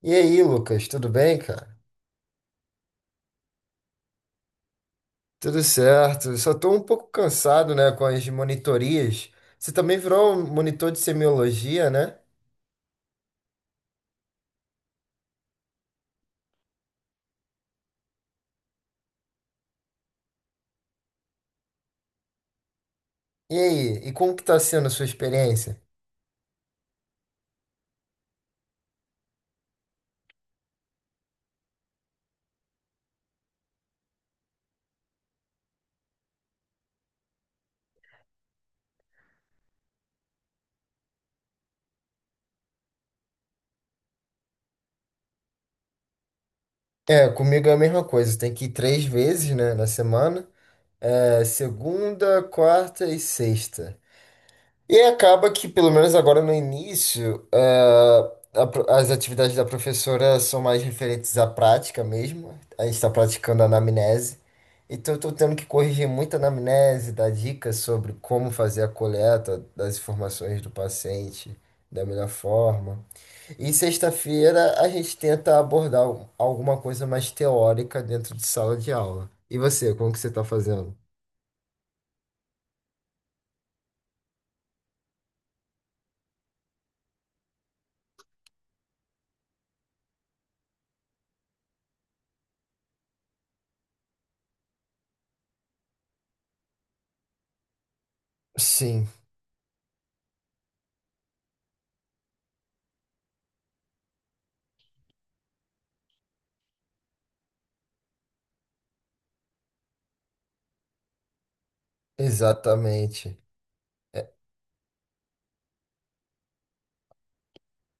E aí, Lucas, tudo bem, cara? Tudo certo. Só tô um pouco cansado, né, com as monitorias. Você também virou um monitor de semiologia, né? E aí, e como que tá sendo a sua experiência? É, comigo é a mesma coisa. Tem que ir três vezes, né, na semana. É, segunda, quarta e sexta. E acaba que, pelo menos agora no início, as atividades da professora são mais referentes à prática mesmo. A gente está praticando a anamnese. Então, eu estou tendo que corrigir muita anamnese, dar dicas sobre como fazer a coleta das informações do paciente da melhor forma. E sexta-feira a gente tenta abordar alguma coisa mais teórica dentro de sala de aula. E você, como que você está fazendo? Sim, exatamente.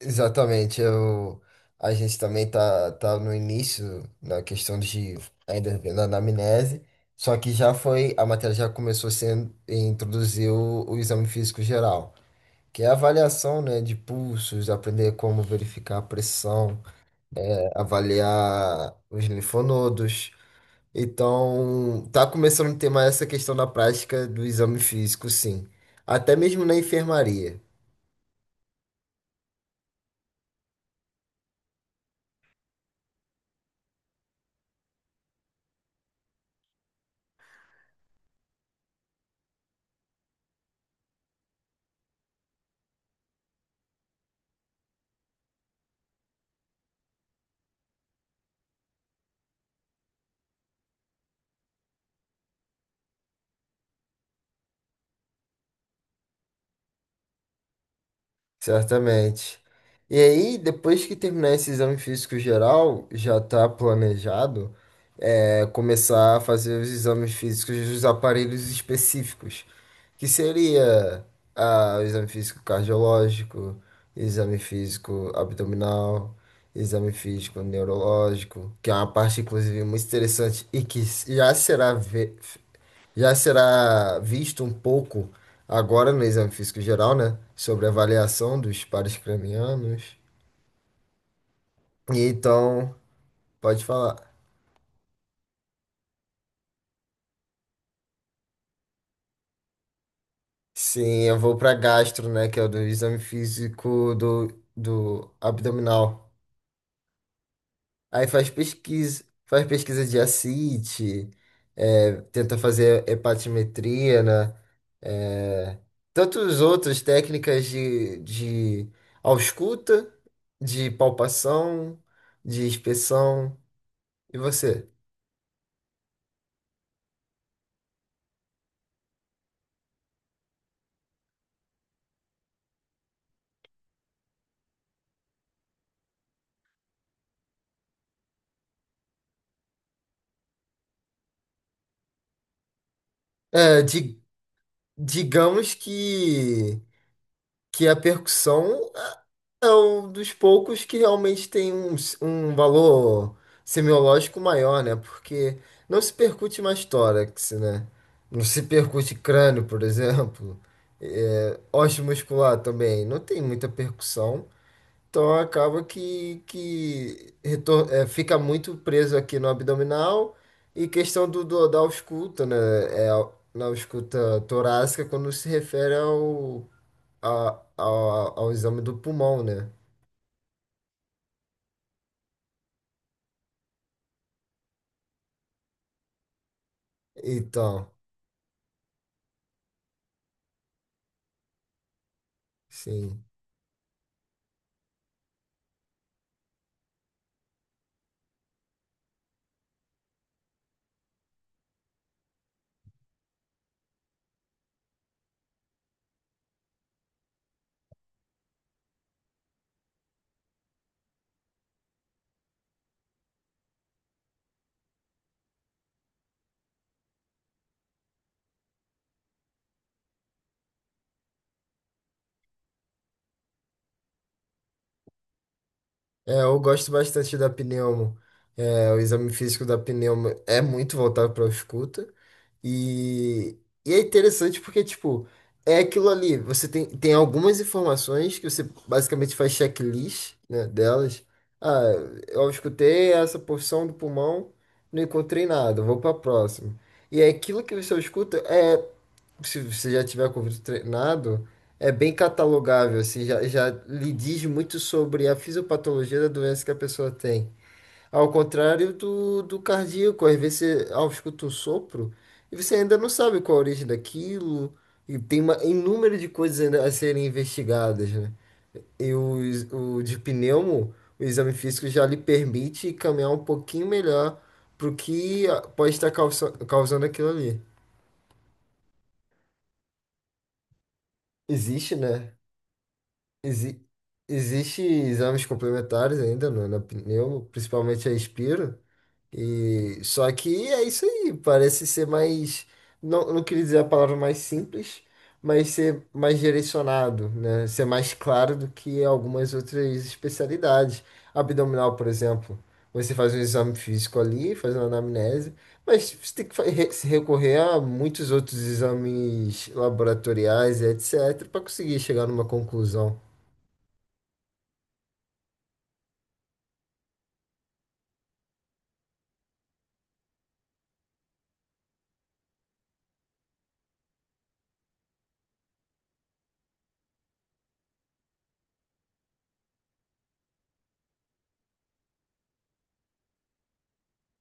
Exatamente. A gente também tá no início na questão de ainda vendo a anamnese, só que já foi, a matéria já começou sendo introduzir o exame físico geral, que é a avaliação, né, de pulsos, aprender como verificar a pressão, avaliar os linfonodos. Então, tá começando a ter mais essa questão da prática do exame físico, sim. Até mesmo na enfermaria. Certamente. E aí, depois que terminar esse exame físico geral, já está planejado começar a fazer os exames físicos dos aparelhos específicos, que seria o exame físico cardiológico, exame físico abdominal, exame físico neurológico, que é uma parte, inclusive, muito interessante e que já será visto um pouco agora no exame físico geral, né? Sobre a avaliação dos pares cranianos. E então, pode falar. Sim, eu vou para gastro, né? Que é o do exame físico do abdominal. Aí faz pesquisa de ascite, é, tenta fazer hepatimetria, né? É, tantos outras técnicas de ausculta, de palpação, de inspeção. E você? É, di- Digamos que a percussão é um dos poucos que realmente tem um valor semiológico maior, né? Porque não se percute mais tórax, né? Não se percute crânio, por exemplo. É, osso muscular também. Não tem muita percussão. Então acaba fica muito preso aqui no abdominal. E questão da ausculta, né? Na ausculta torácica quando se refere a- a- ao exame do pulmão, né? Então, sim. É, eu gosto bastante da pneumo. É, o exame físico da pneumo é muito voltado para escuta. E, e é interessante porque, tipo, é aquilo ali. Tem algumas informações que você basicamente faz checklist, né, delas. Ah, eu escutei essa porção do pulmão, não encontrei nada, vou para a próxima. E é aquilo que você escuta é se você já tiver com o vidro treinado, é bem catalogável, assim, já, já lhe diz muito sobre a fisiopatologia da doença que a pessoa tem. Ao contrário do cardíaco, às vezes você ao escuta um sopro e você ainda não sabe qual a origem daquilo, e tem uma, inúmero de coisas ainda a serem investigadas, né? E o de pneumo, o exame físico já lhe permite caminhar um pouquinho melhor pro que pode estar causando aquilo ali. Existe, né? Exi Existe exames complementares ainda na pneu, principalmente a Inspiro. E só que é isso aí, parece ser mais, não, não queria dizer a palavra mais simples, mas ser mais direcionado, né? Ser mais claro do que algumas outras especialidades. Abdominal, por exemplo, você faz um exame físico ali, faz uma anamnese, mas você tem que se recorrer a muitos outros exames laboratoriais, etc, para conseguir chegar numa conclusão.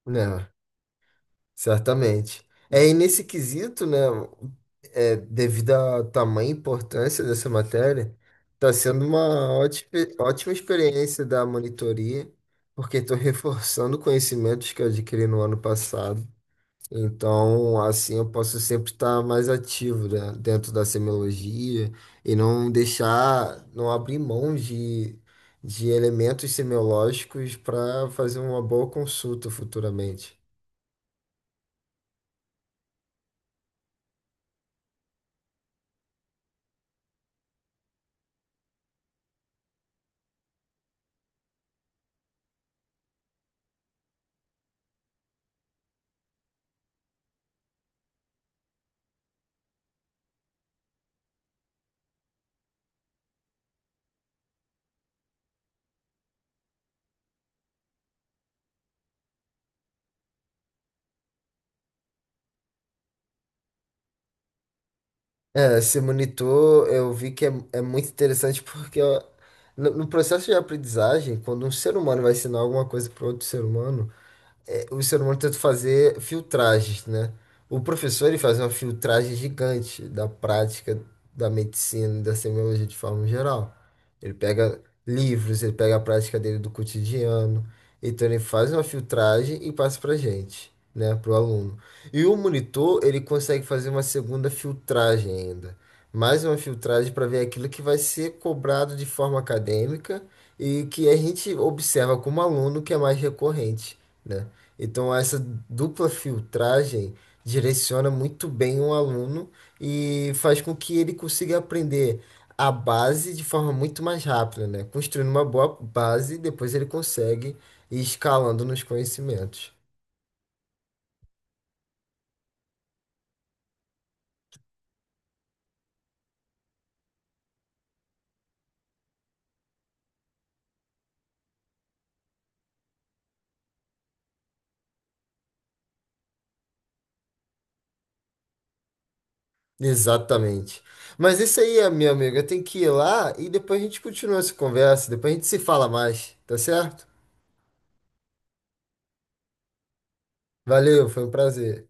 Né, certamente. É, e nesse quesito, né, é, devido ao tamanho e importância dessa matéria, está sendo uma ótima, ótima experiência da monitoria, porque estou reforçando conhecimentos que eu adquiri no ano passado. Então, assim, eu posso sempre estar mais ativo, né, dentro da semiologia e não deixar, não abrir mão de elementos semiológicos para fazer uma boa consulta futuramente. É, esse monitor eu vi é muito interessante porque ó, no processo de aprendizagem, quando um ser humano vai ensinar alguma coisa para outro ser humano, é, o ser humano tenta fazer filtragens, né? O professor ele faz uma filtragem gigante da prática da medicina, e da semiologia de forma geral. Ele pega livros, ele pega a prática dele do cotidiano, então ele faz uma filtragem e passa para gente, né, para o aluno. E o monitor ele consegue fazer uma segunda filtragem ainda. Mais uma filtragem para ver aquilo que vai ser cobrado de forma acadêmica e que a gente observa como aluno que é mais recorrente né? Então, essa dupla filtragem direciona muito bem o aluno e faz com que ele consiga aprender a base de forma muito mais rápida, né? Construindo uma boa base, depois ele consegue ir escalando nos conhecimentos. Exatamente. Mas isso aí, minha amiga, eu tenho que ir lá e depois a gente continua essa conversa, depois a gente se fala mais, tá certo? Valeu, foi um prazer.